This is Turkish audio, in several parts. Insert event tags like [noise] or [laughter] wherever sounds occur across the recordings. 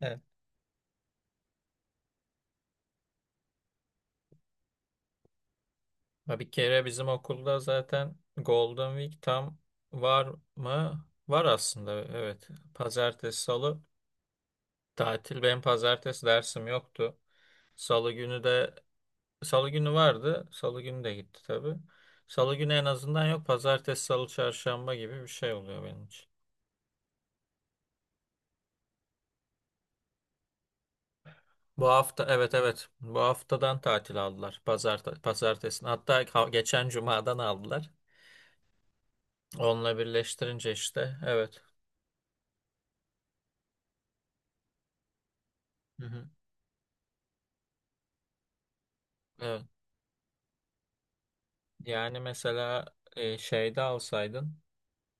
Evet. Ha, bir kere bizim okulda zaten Golden Week tam var mı? Var aslında, evet. Pazartesi, salı tatil. Benim pazartesi dersim yoktu. Salı günü de Salı günü vardı. Salı günü de gitti tabii. Salı günü en azından yok. Pazartesi, salı, çarşamba gibi bir şey oluyor benim için. Bu hafta, evet, evet. Bu haftadan tatil aldılar. Pazartesi. Hatta geçen cumadan aldılar. Onunla birleştirince işte, evet. Hı hı. Evet. Yani mesela, şeyde alsaydın,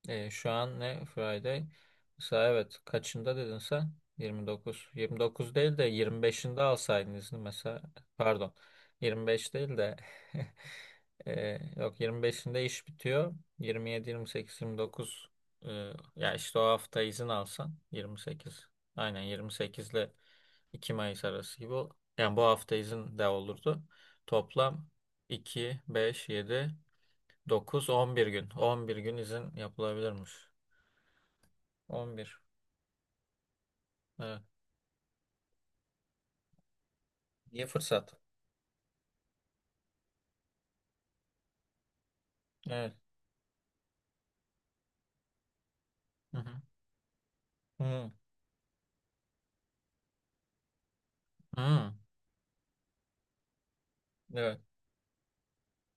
şu an ne Friday? Mesela, evet, kaçında dedin sen? 29. 29 değil de 25'inde alsaydın izni mesela. Pardon. 25 değil de, [laughs] yok, 25'inde iş bitiyor. 27, 28, 29, e, ya işte o hafta izin alsan 28. Aynen 28'le 2 Mayıs arası gibi yani bu hafta izin de olurdu. Toplam iki, beş, yedi, dokuz, 11 gün. 11 gün izin yapılabilirmiş. 11. Evet. İyi fırsat. Evet. Hı hı. Hı. Hı. Evet.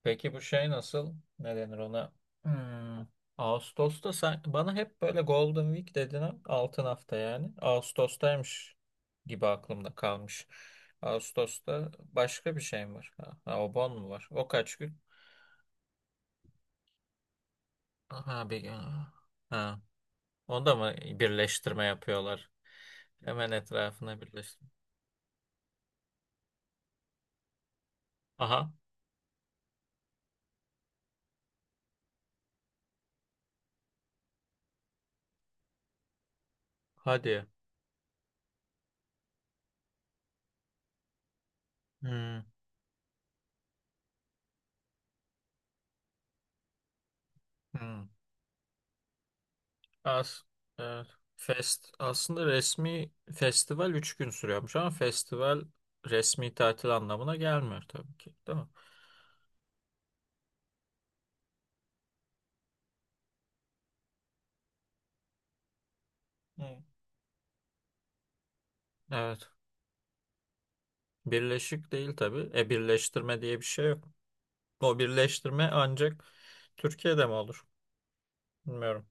Peki bu şey nasıl? Ne denir ona? Hmm. Ağustos'ta sen, bana hep böyle Golden Week dedin ha, altın hafta yani. Ağustos'taymış gibi aklımda kalmış. Ağustos'ta başka bir şey mi var? Ha, ha, o bon mu var? O kaç gün? Aha, bir, ha. Onda mı birleştirme yapıyorlar? Hemen etrafına birleştirme. Aha. Hadi. Hmm. Hmm. As evet. Aslında resmi festival 3 gün sürüyormuş, ama festival resmi tatil anlamına gelmiyor tabii ki, değil mi? Hmm. Evet. Birleşik değil tabii. E, birleştirme diye bir şey yok. O birleştirme ancak Türkiye'de mi olur? Bilmiyorum.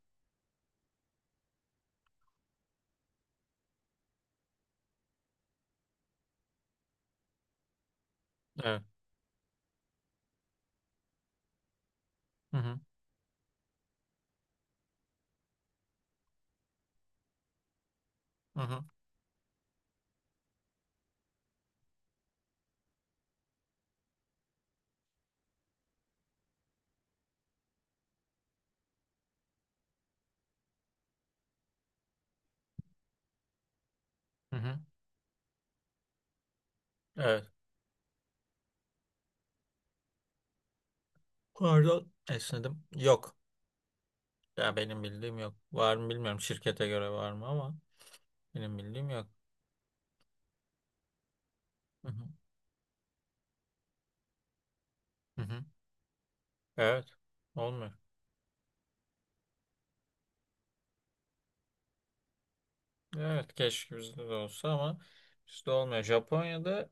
Evet. Hı hı. Hı hı. Hı hı. Evet. Pardon, esnedim. Yok. Ya benim bildiğim yok. Var mı, bilmiyorum. Şirkete göre var mı, ama benim bildiğim yok. Hı hı. Hı hı. Evet. Olmuyor. Evet, keşke bizde de olsa, ama bizde olmuyor. Japonya'da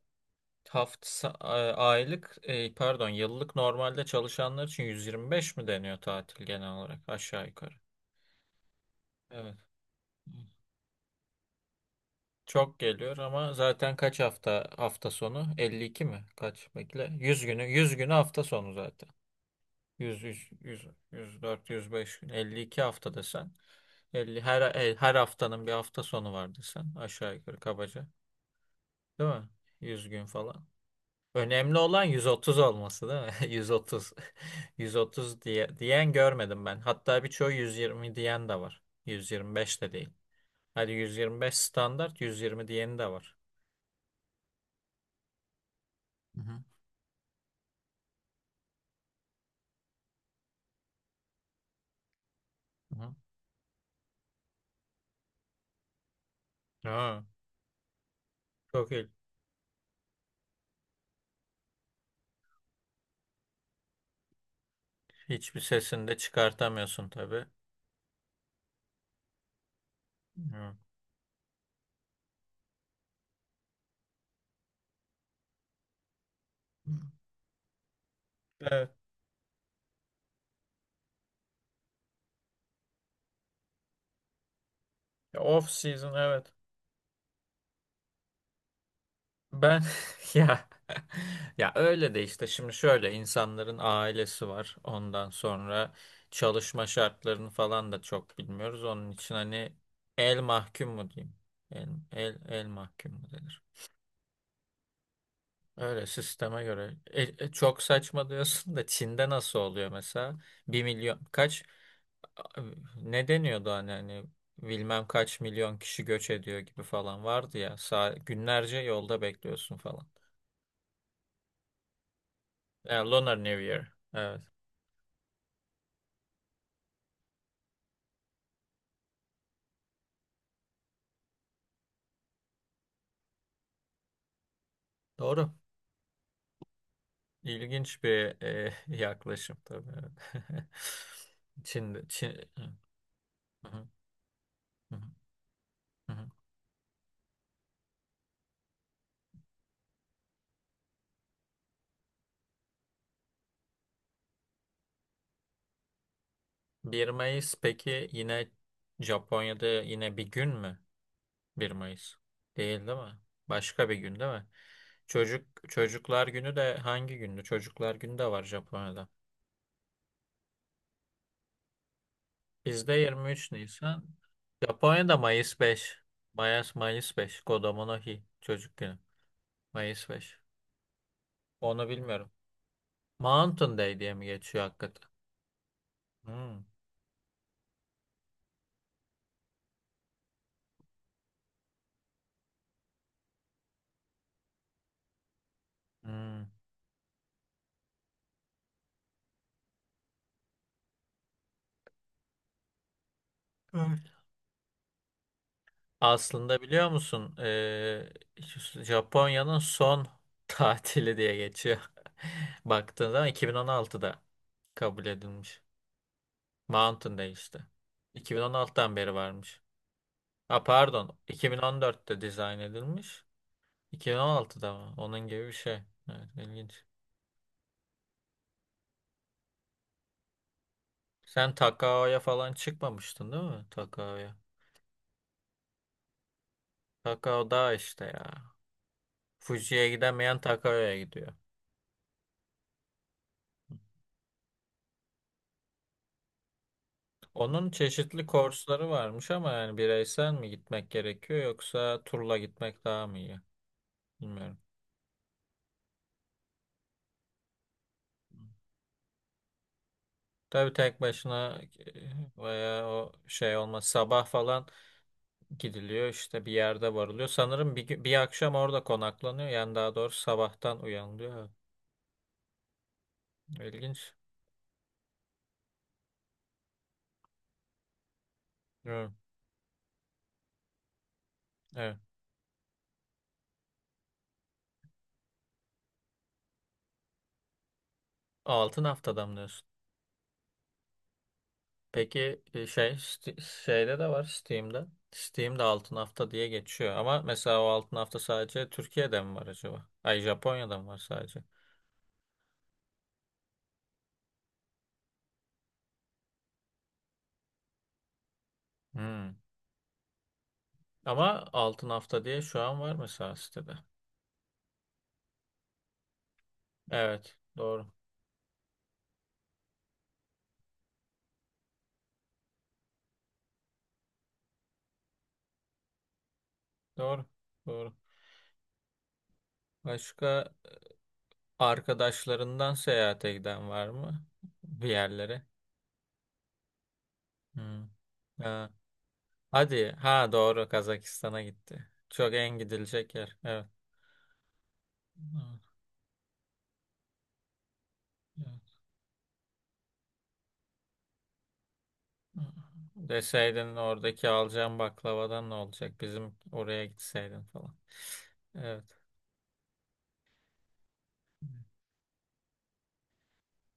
hafta aylık, pardon, yıllık normalde çalışanlar için 125 mi deniyor tatil, genel olarak aşağı yukarı. Evet. Çok geliyor, ama zaten kaç hafta sonu? 52 mi? Kaç bekle? 100 günü hafta sonu zaten. 100, 100, 100, 104, 105, 52 hafta desen. 50, her haftanın bir hafta sonu var desen. Aşağı yukarı, kabaca. Değil mi? 100 gün falan. Önemli olan 130 olması değil mi? [laughs] 130. 130 [laughs] diyen görmedim ben. Hatta birçoğu 120 diyen de var. 125 de değil. Hadi 125 standart, 120 diyeni de var. Hı hı. Hı hı. Ha, çok iyi. Hiçbir sesini de çıkartamıyorsun tabii. Hı. Evet. Off season, evet. Ben [laughs] ya, ya öyle de işte, şimdi şöyle, insanların ailesi var. Ondan sonra çalışma şartlarını falan da çok bilmiyoruz. Onun için hani, el mahkum mu diyeyim? El mahkum mu denir? Öyle, sisteme göre. Çok saçma diyorsun da Çin'de nasıl oluyor mesela? Bir milyon kaç a- ne deniyordu, hani, bilmem kaç milyon kişi göç ediyor gibi falan vardı ya. Günlerce yolda bekliyorsun falan. Yani Lunar New Year. Evet. Doğru. İlginç bir [laughs] yaklaşım tabii. Evet. [laughs] Çin, Çin... Hı hı, hı hı, hı hı. 1 Mayıs peki yine Japonya'da yine bir gün mü? 1 Mayıs. Değil, değil mi? Başka bir gün değil mi? Çocuklar Günü de hangi gündü? Çocuklar Günü de var Japonya'da. Bizde 23 Nisan. Japonya'da Mayıs 5. Mayıs 5. Kodomo no Hi. Çocuk Günü. Mayıs 5. Onu bilmiyorum. Mountain Day diye mi geçiyor hakikaten? Hmm, hmm. Evet. Aslında biliyor musun, Japonya'nın son [laughs] tatili diye geçiyor. [laughs] Baktığın zaman 2016'da kabul edilmiş. Mountain Day işte. 2016'dan beri varmış. Ha, pardon, 2014'te dizayn edilmiş. 2016'da mı? Onun gibi bir şey. Evet, ilginç. Sen Takao'ya falan çıkmamıştın değil mi? Takao'ya. Takao dağ işte ya. Fuji'ye gidemeyen Takao'ya gidiyor. Onun çeşitli kursları varmış, ama yani bireysel mi gitmek gerekiyor, yoksa turla gitmek daha mı iyi? Bilmiyorum. Tabii tek başına, veya o şey olmaz. Sabah falan gidiliyor işte, bir yerde varılıyor. Sanırım bir akşam orada konaklanıyor. Yani daha doğrusu sabahtan uyanılıyor. İlginç. Evet. Evet. Altın haftada mı diyorsun? Peki, şey, şeyde de var, Steam'de. Steam'de altın hafta diye geçiyor, ama mesela o altın hafta sadece Türkiye'de mi var acaba? Ay, Japonya'da mı var sadece? Hmm. Ama altın hafta diye şu an var mesela sitede. Evet, doğru. Doğru. Doğru. Başka arkadaşlarından seyahate giden var mı bir yerlere? Hmm. Ha, hadi. Ha doğru, Kazakistan'a gitti. Çok en gidilecek yer. Evet. Evet. Hı. Deseydin, oradaki alacağım baklavadan ne olacak? Bizim oraya gitseydin falan. Evet.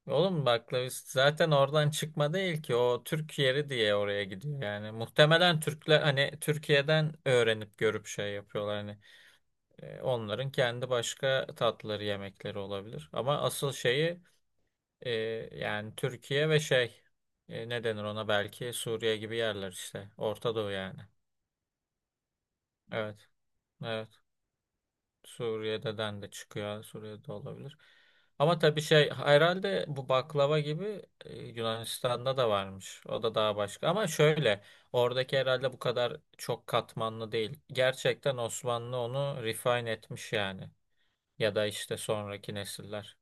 Oğlum, baklavist zaten oradan çıkma değil ki. O Türk yeri diye oraya gidiyor yani. Muhtemelen Türkler, hani, Türkiye'den öğrenip görüp şey yapıyorlar. Hani, onların kendi başka tatları, yemekleri olabilir. Ama asıl şeyi, e, yani Türkiye ve şey, ne denir ona, belki Suriye gibi yerler işte. Orta Doğu yani. Evet. Evet. Suriye'den de çıkıyor. Suriye'de olabilir. Ama tabii şey, herhalde bu baklava gibi, Yunanistan'da da varmış. O da daha başka. Ama şöyle, oradaki herhalde bu kadar çok katmanlı değil. Gerçekten Osmanlı onu refine etmiş yani. Ya da işte sonraki nesiller.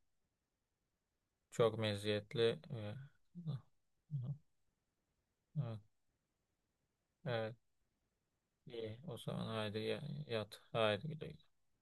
Çok meziyetli. [laughs] Evet. Evet. İyi. O zaman haydi yat. Haydi.